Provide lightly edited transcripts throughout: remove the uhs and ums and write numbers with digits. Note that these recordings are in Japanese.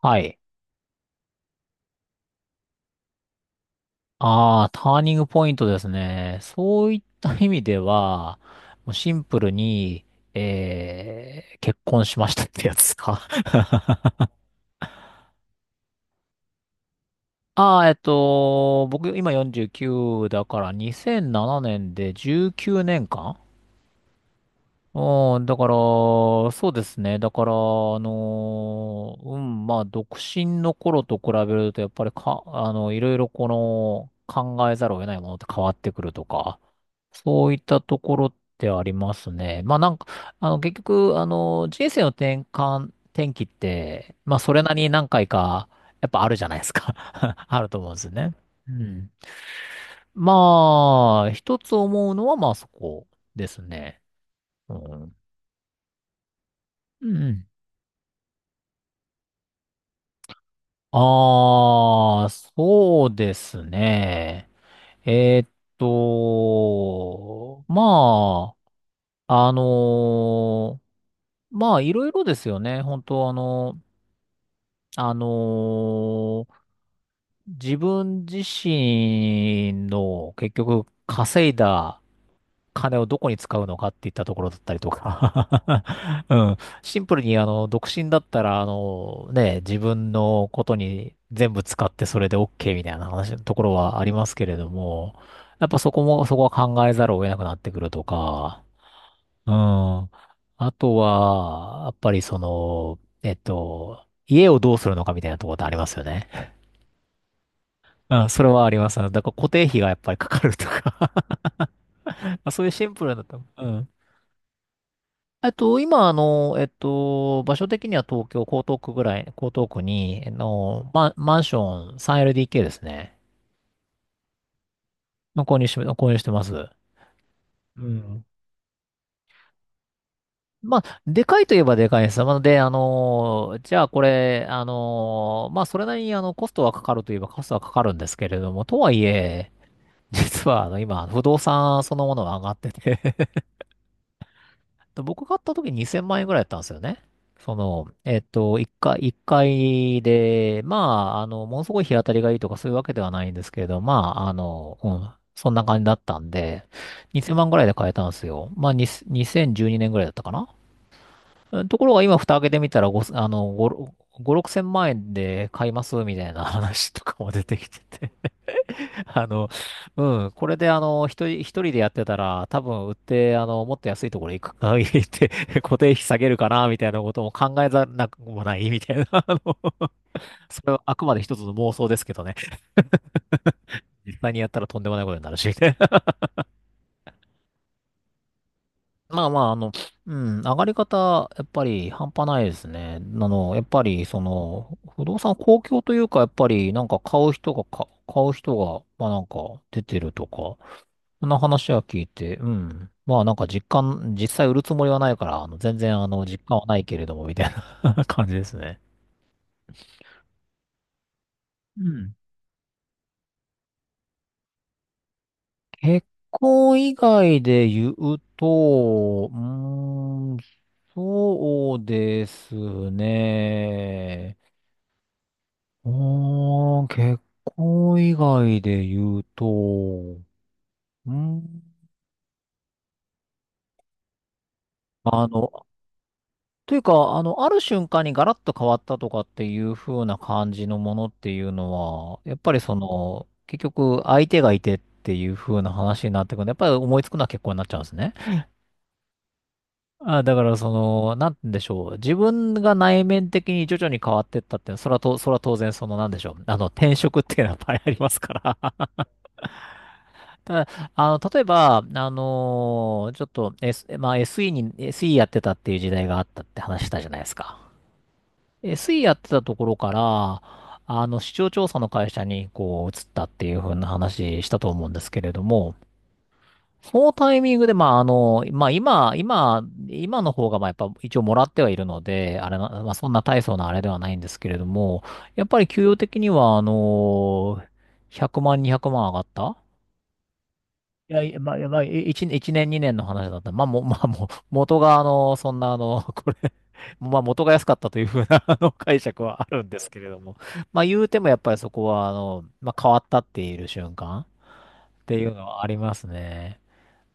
はい。ああ、ターニングポイントですね。そういった意味では、もうシンプルに、結婚しましたってやつですか。ああ、僕今49だから2007年で19年間うねんかんうん、だから、そうですね。だから、まあ、独身の頃と比べると、やっぱりか、あの、いろいろ考えざるを得ないものって変わってくるとか、そういったところってありますね。まあなんか、結局、人生の転換、転機って、まあそれなりに何回か、やっぱあるじゃないですか。あると思うんですよね。うん。まあ、一つ思うのはまあそこですね。うん。うん。ああ、そうですね。えーっと、まあ、あのーまあいろいろですよね。本当あのー自分自身の結局稼いだ金をどこに使うのかっていったところだったりとか うん。シンプルに独身だったら、あの、ね、自分のことに全部使ってそれで OK みたいな話のところはありますけれども、やっぱそこも、そこは考えざるを得なくなってくるとか、うん。あとは、やっぱりその、家をどうするのかみたいなところってありますよね。あ、それはあります。だから固定費がやっぱりかかるとか あ、そういうシンプルなとこ。うん。今、場所的には東京、江東区ぐらい、江東区に、マンション 3LDK ですね。の購入し、購入してます。うん。まあ、でかいといえばでかいです。なので、じゃあこれ、まあ、それなりに、コストはかかるといえばコストはかかるんですけれども、とはいえ、実は、今、不動産そのものが上がってて、で、僕買った時2000万円ぐらいだったんですよね。その、えっと、1回、一回で、まあ、ものすごい日当たりがいいとかそういうわけではないんですけれど、まあ、うん、そんな感じだったんで、2000万ぐらいで買えたんですよ。まあ、2012年ぐらいだったかな。うん、ところが今、蓋開けてみたら、ご、あの、5、6千万円で買いますみたいな話とかも出てきてて あの、うん、これで一人でやってたら、多分売って、もっと安いところ行くか、行って、固定費下げるかな、みたいなことも考えざるなくもない、みたいな。それはあくまで一つの妄想ですけどね。実際にやったらとんでもないことになるし、ね。まあまあ、上がり方、やっぱり半端ないですね。やっぱり、その、不動産公共というか、やっぱり、なんか買う人が、まあなんか出てるとか、そんな話は聞いて、うん。まあなんか実際売るつもりはないから、全然実感はないけれども、みたいな 感じですね。うん。結婚以外で言うと、うーん、そうですね。おー、結婚以外で言うと、うん、あの、というか、ある瞬間にガラッと変わったとかっていう風な感じのものっていうのは、やっぱりその、結局相手がいてっていう風な話になってくるんで、やっぱり思いつくのは結婚になっちゃうんですね。あ、だからその、なんて言うんでしょう。自分が内面的に徐々に変わってったって、それは当然その、なんでしょう。転職っていうのはやっぱりありますから。ただ、例えば、あのーちょっと、S、まあ、SE に、SE やってたっていう時代があったって話したじゃないですか。SE やってたところから、市場調査の会社に、こう、移ったっていう風な話したと思うんですけれども、そのタイミングで、今の方が、まあ、やっぱ一応もらってはいるので、あれな、まあ、そんな大層なあれではないんですけれども、やっぱり給与的には、100万、200万上がった。いや、いまあ、いやまあ、い一一年、二年の話だった。まあ、も、まあ、もう、元が、そんな、これ、まあ、元が安かったというふうな、解釈はあるんですけれども。まあ、言うても、やっぱりそこは、まあ、変わったっている瞬間っていうのはありますね。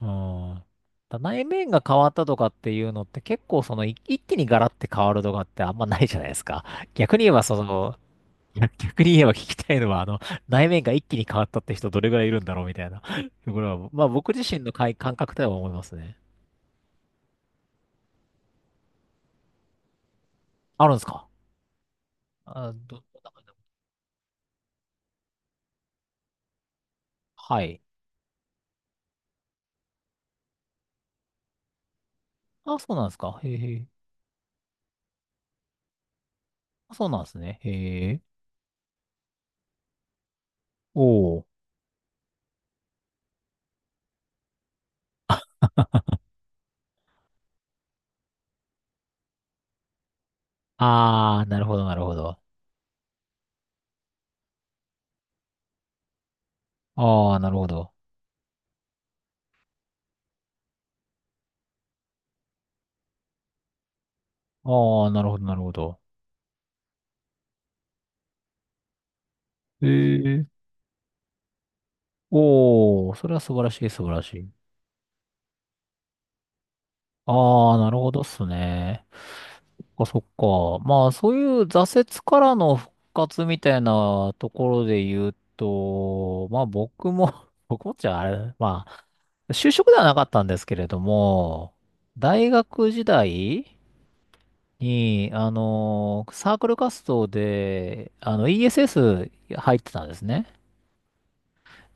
うん。内面が変わったとかっていうのって、結構、その、一気にガラッて変わるとかってあんまないじゃないですか。逆に言えば、その、いや、逆に言えば聞きたいのは、内面が一気に変わったって人どれぐらいいるんだろうみたいな。これは、まあ僕自身の感覚では思いますね。あるんですか？あ、ど、はい。あ、そうなんですか？へえへえ。あ、そうなんですね。へえ。おお。ああ、なるほど、なるほど。ああ、なるほど。ああ、なるほど、なるほど。へえ。おお、それは素晴らしい、素晴らしい。ああ、なるほどっすね。そっか、そっか。まあ、そういう挫折からの復活みたいなところで言うと、まあ僕も 僕もっちゃあれ、まあ、就職ではなかったんですけれども、大学時代に、サークル活動で、ESS 入ってたんですね。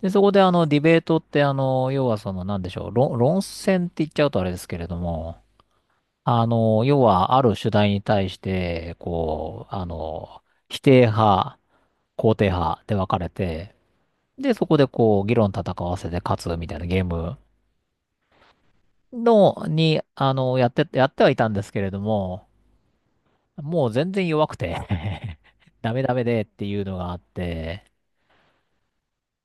で、そこでディベートって、要はその、なんでしょう、論戦って言っちゃうとあれですけれども、要は、ある主題に対して、こう、否定派、肯定派で分かれて、で、そこでこう、議論戦わせて勝つみたいなゲームの、に、あの、やって、やってはいたんですけれども、もう全然弱くて ダメダメでっていうのがあって、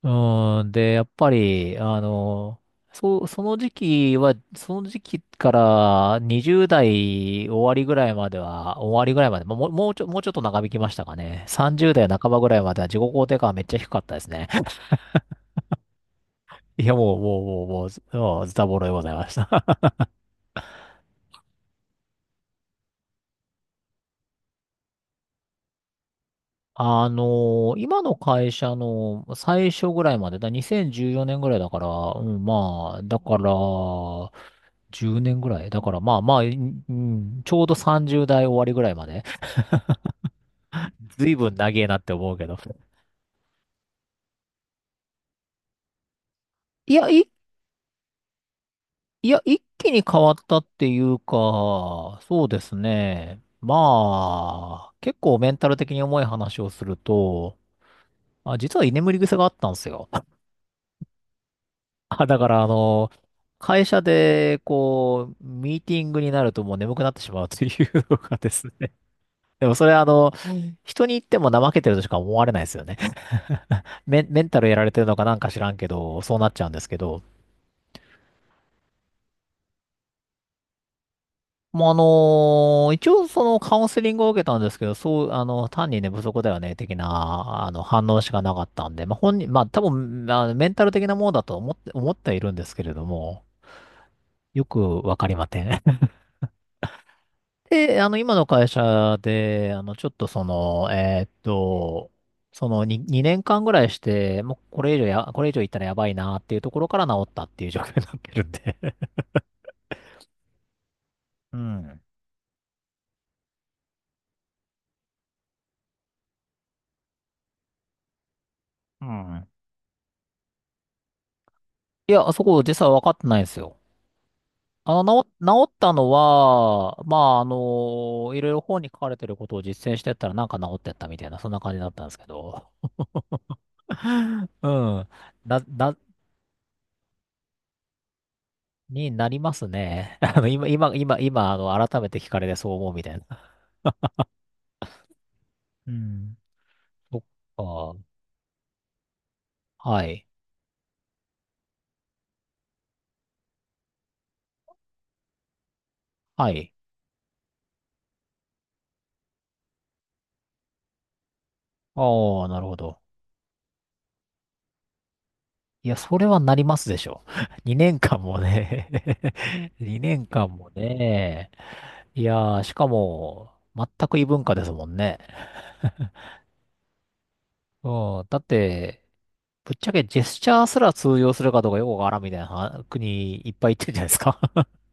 うん、で、やっぱり、その時期は、その時期から20代終わりぐらいまでは、終わりぐらいまで、まあもう、もうちょっと長引きましたかね。30代半ばぐらいまでは自己肯定感はめっちゃ低かったですね。いや、もう、ずもうズタボロでございました。今の会社の最初ぐらいまで、2014年ぐらいだから、うん、まあ、だから、10年ぐらいだから、まあまあ、ちょうど30代終わりぐらいまで。ずいぶん長えなって思うけど。いや、い、いや、一気に変わったっていうか、そうですね。まあ、結構メンタル的に重い話をすると、あ、実は居眠り癖があったんですよ。あ、だから、会社で、こう、ミーティングになるともう眠くなってしまうというのがですね。でもそれは人に言っても怠けてるとしか思われないですよね。メンタルやられてるのかなんか知らんけど、そうなっちゃうんですけど。もうあのー一応そのカウンセリングを受けたんですけど、そう、単に寝不足だよね、的な、反応しかなかったんで、まあ、本人、まあ、多分、まあのメンタル的なものだと思って、思ってはいるんですけれども、よくわかりません。で、今の会社で、ちょっとその、2年間ぐらいして、もうこれ以上や、これ以上いったらやばいなっていうところから治ったっていう状況になってるんで うん。うん。いや、そこ実は分かってないんですよ。治ったのは、まあ、いろいろ本に書かれてることを実践してったらなんか治ってったみたいな、そんな感じだったんですけど。うん。な、な、になりますね。今、改めて聞かれてそう思うみたいな。うん。そっか。はい。はい。ああ、なるほど。いや、それはなりますでしょ。2年間もね。 2年間もね。いやー、しかも、全く異文化ですもんね。うん。だって、ぶっちゃけジェスチャーすら通用するかどうかよくわからんみたいなは国いっぱい行ってるじゃないですか。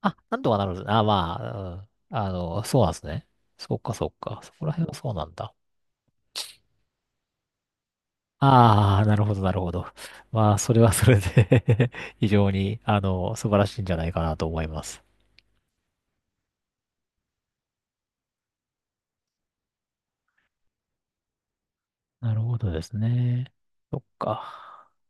あ、なんとかなる。あ、まあ、うん。そうなんですね。そっかそっか。そこら辺はそうなんだ。ああ、なるほど、なるほど。まあ、それはそれで 非常に、素晴らしいんじゃないかなと思います。なるほどですね。そっか。